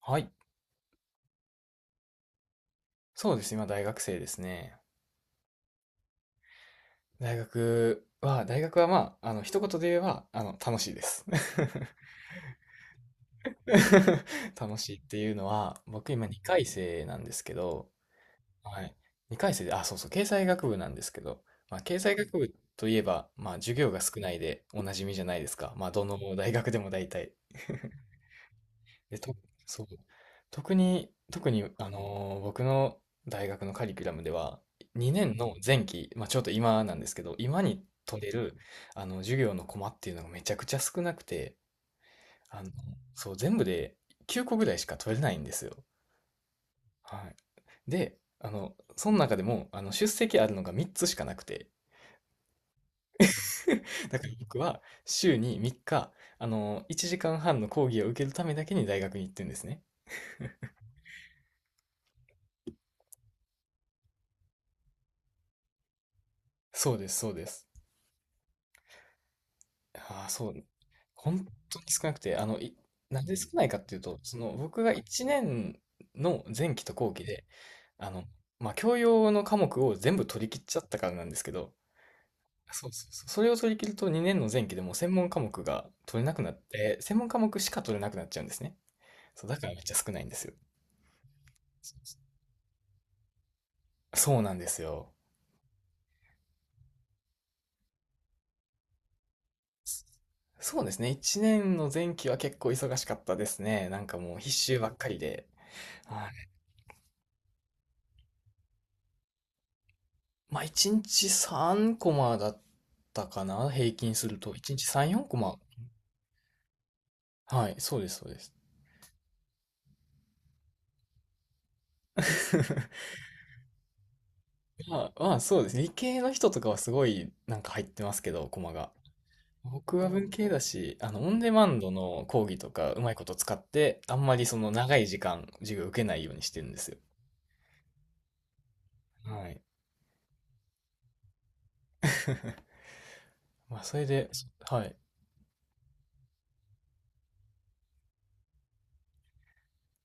はい。そうです。今、大学生ですね。大学はまあ、一言で言えば、楽しいです。楽しいっていうのは、僕今2回生なんですけど、はい。2回生で、あ、そうそう、経済学部なんですけど、まあ、経済学部といえば、まあ、授業が少ないでおなじみじゃないですか。まあ、どの大学でも大体。で、そう。特に、僕の大学のカリキュラムでは、2年の前期、まあ、ちょっと今なんですけど、今に取れる、授業のコマっていうのがめちゃくちゃ少なくて、あの、そう、全部で9個ぐらいしか取れないんですよ。はい。で、その中でも、出席あるのが3つしかなくて、だから僕は週に3日、1時間半の講義を受けるためだけに大学に行ってるんですね。そうです、そうです。ああ、そう、本当に少なくて、なんで少ないかっていうと、その、僕が1年の前期と後期で、あの、まあ、教養の科目を全部取り切っちゃったからなんですけど、そうそうそう、それを取り切ると2年の前期でもう専門科目が取れなくなって、専門科目しか取れなくなっちゃうんですね。そう、だからめっちゃ少ないんですよ。そうなんですよ。そうですね。1年の前期は結構忙しかったですね。なんかもう必修ばっかりで。まあ、1日3コマだったかな、平均すると。1日3、4コマ。はい、そうです、そうです。まあ、まあ、そうですね。理系の人とかはすごいなんか入ってますけど、コマが。僕は文系だし、オンデマンドの講義とかうまいこと使って、あんまりその長い時間、授業受けないようにしてるんですよ。はい。まあ、それで、はい。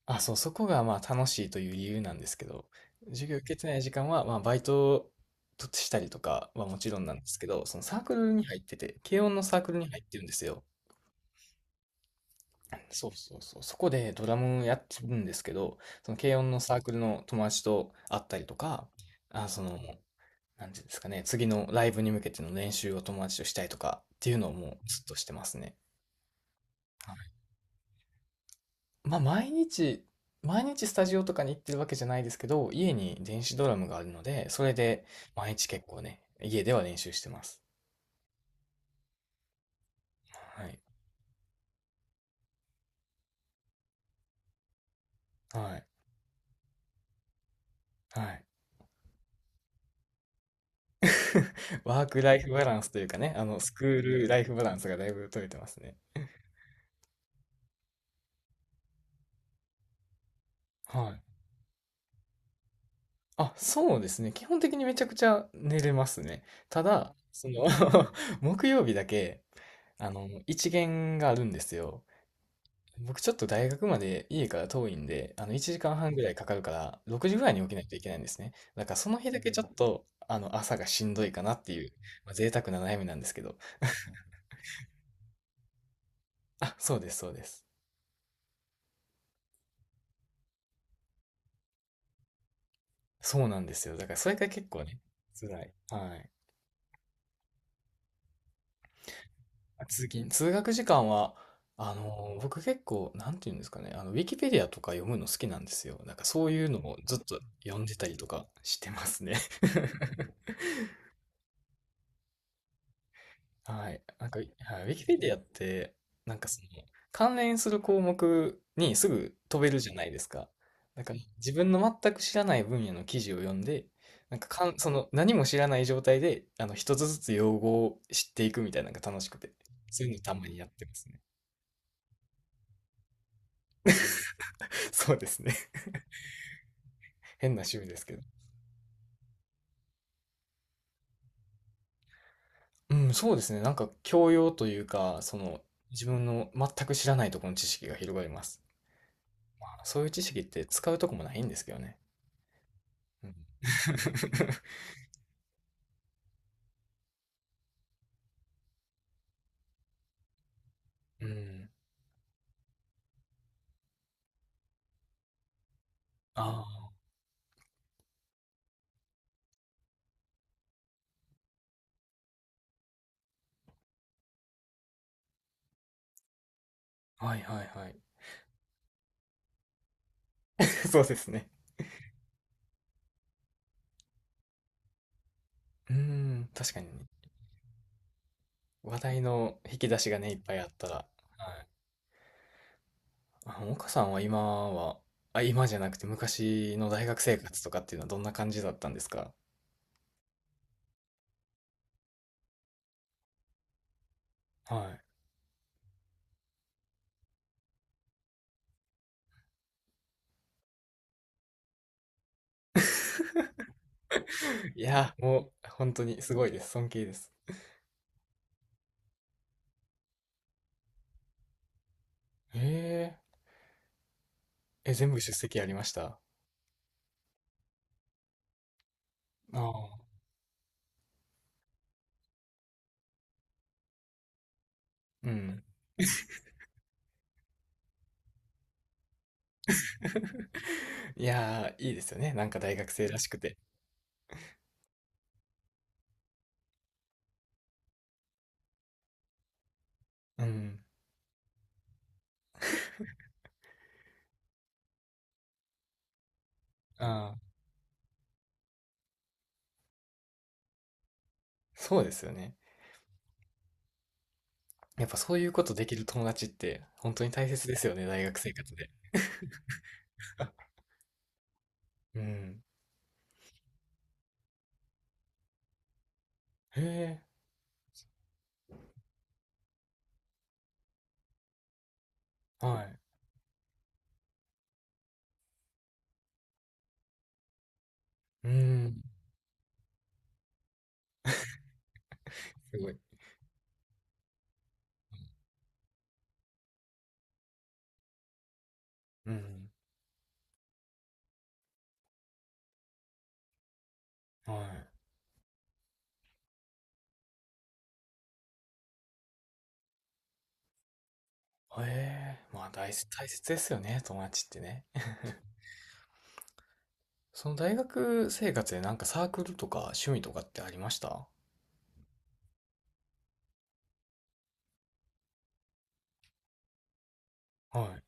あ、そう、そこがまあ楽しいという理由なんですけど、授業受けてない時間は、まあバイトとしたりとかはもちろんなんですけど、そのサークルに入ってて、軽音のサークルに入ってるんですよ。そうそうそう。そこでドラムやってるんですけど、その軽音のサークルの友達と会ったりとか、あ、その、なんていうんですかね、次のライブに向けての練習を友達としたりとかっていうのをもうずっとしてますね。まあ、毎日スタジオとかに行ってるわけじゃないですけど、家に電子ドラムがあるので、それで毎日結構ね、家では練習してます。はい。はい。はい。ワークライフバランスというかね、スクールライフバランスがだいぶ取れてますね。はい。あ、そうですね。基本的にめちゃくちゃ寝れますね。ただ、その 木曜日だけ、一限があるんですよ。僕ちょっと大学まで家から遠いんで、1時間半ぐらいかかるから、6時ぐらいに起きないといけないんですね。だからその日だけちょっと、朝がしんどいかなっていう、まあ、贅沢な悩みなんですけど。あ、そうです、そうです。そうなんですよ。だからそれが結構ね、辛い。はい。通学時間は、僕結構、なんていうんですかね、ウィキペディアとか読むの好きなんですよ。なんかそういうのもずっと読んでたりとかしてますね。はい。なんか、はい、ウィキペディアって、なんかその、関連する項目にすぐ飛べるじゃないですか。だから、自分の全く知らない分野の記事を読んで、なんか、その、何も知らない状態で、一つずつ用語を知っていくみたいなのが楽しくて、そういうのたまにやってますね。そうですね。変な趣味ですけど。うん、そうですね。なんか、教養というか、その、自分の全く知らないところの知識が広がります。そういう知識って使うとこもないんですけどね。うん うん。ああ、はいはいはい。そうですね。うん、確かにね。話題の引き出しがね、いっぱいあったら。はい。あ、岡さんは今は、あ、今じゃなくて昔の大学生活とかっていうのはどんな感じだったんですか？はい。いや、もう、本当にすごいです。尊敬です。ええ、え、全部出席ありました？ああ。うん。いやー、いいですよね。なんか大学生らしくて。うん。ああ、そうですよね。やっぱそういうことできる友達って本当に大切ですよね、大学生活で。うん。へえ、はい。うん、すごい。うん、はい。へえ、まあ大切、大切ですよね、友達ってね。その大学生活でなんかサークルとか趣味とかってありました？はい。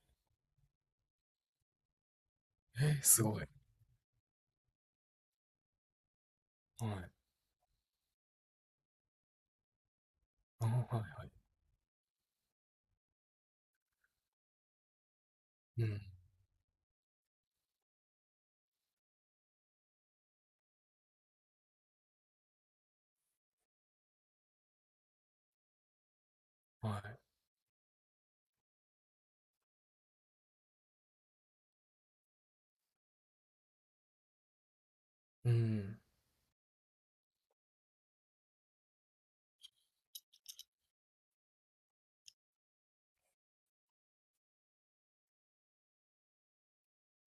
えー、すごい。はい。あ、はいはい。うん。はい。うん。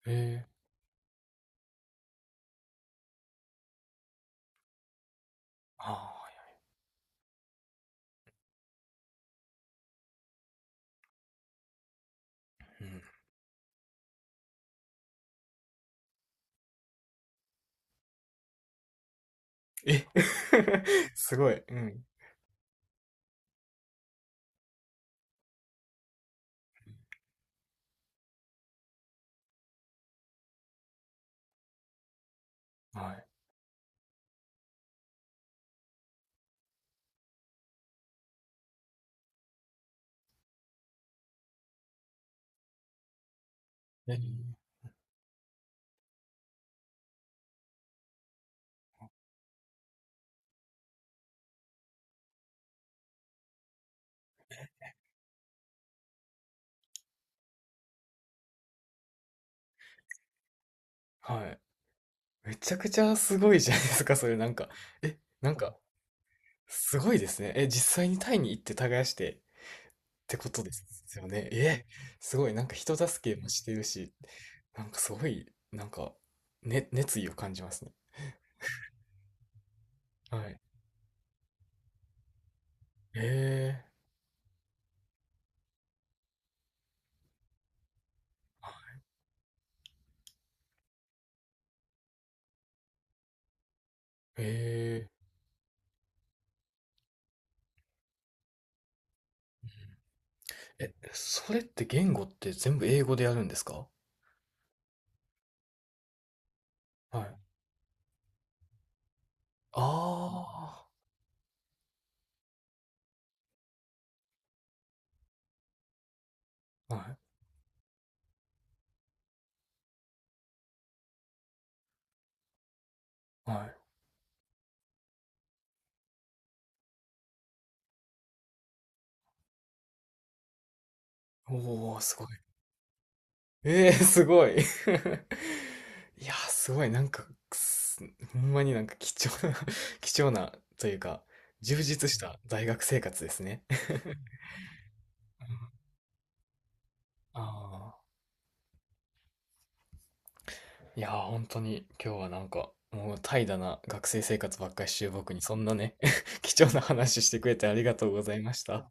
えー、あー、はい。うん。え すごい。うん。はい。えー、はい。めちゃくちゃすごいじゃないですか、それなんか。え、なんか、すごいですね。え、実際にタイに行って耕してってことですよね。え、すごい、なんか人助けもしてるし、なんかすごい、なんか、ね、熱意を感じますね。はい。えー、えー、え、それって言語って全部英語でやるんですか？はい。ああ、はい、はい。おー、すごい。ええーすごい。いやー、すごい、なんか、すほんまになんか貴重な 貴重なというか、充実した大学生活ですね。ああ、いやー、本当に今日はなんか、もう怠惰な学生生活ばっかりしてる僕にそんなね 貴重な話してくれてありがとうございました。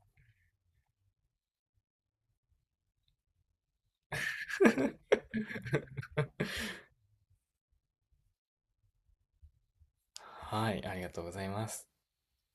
はい、ありがとうございます。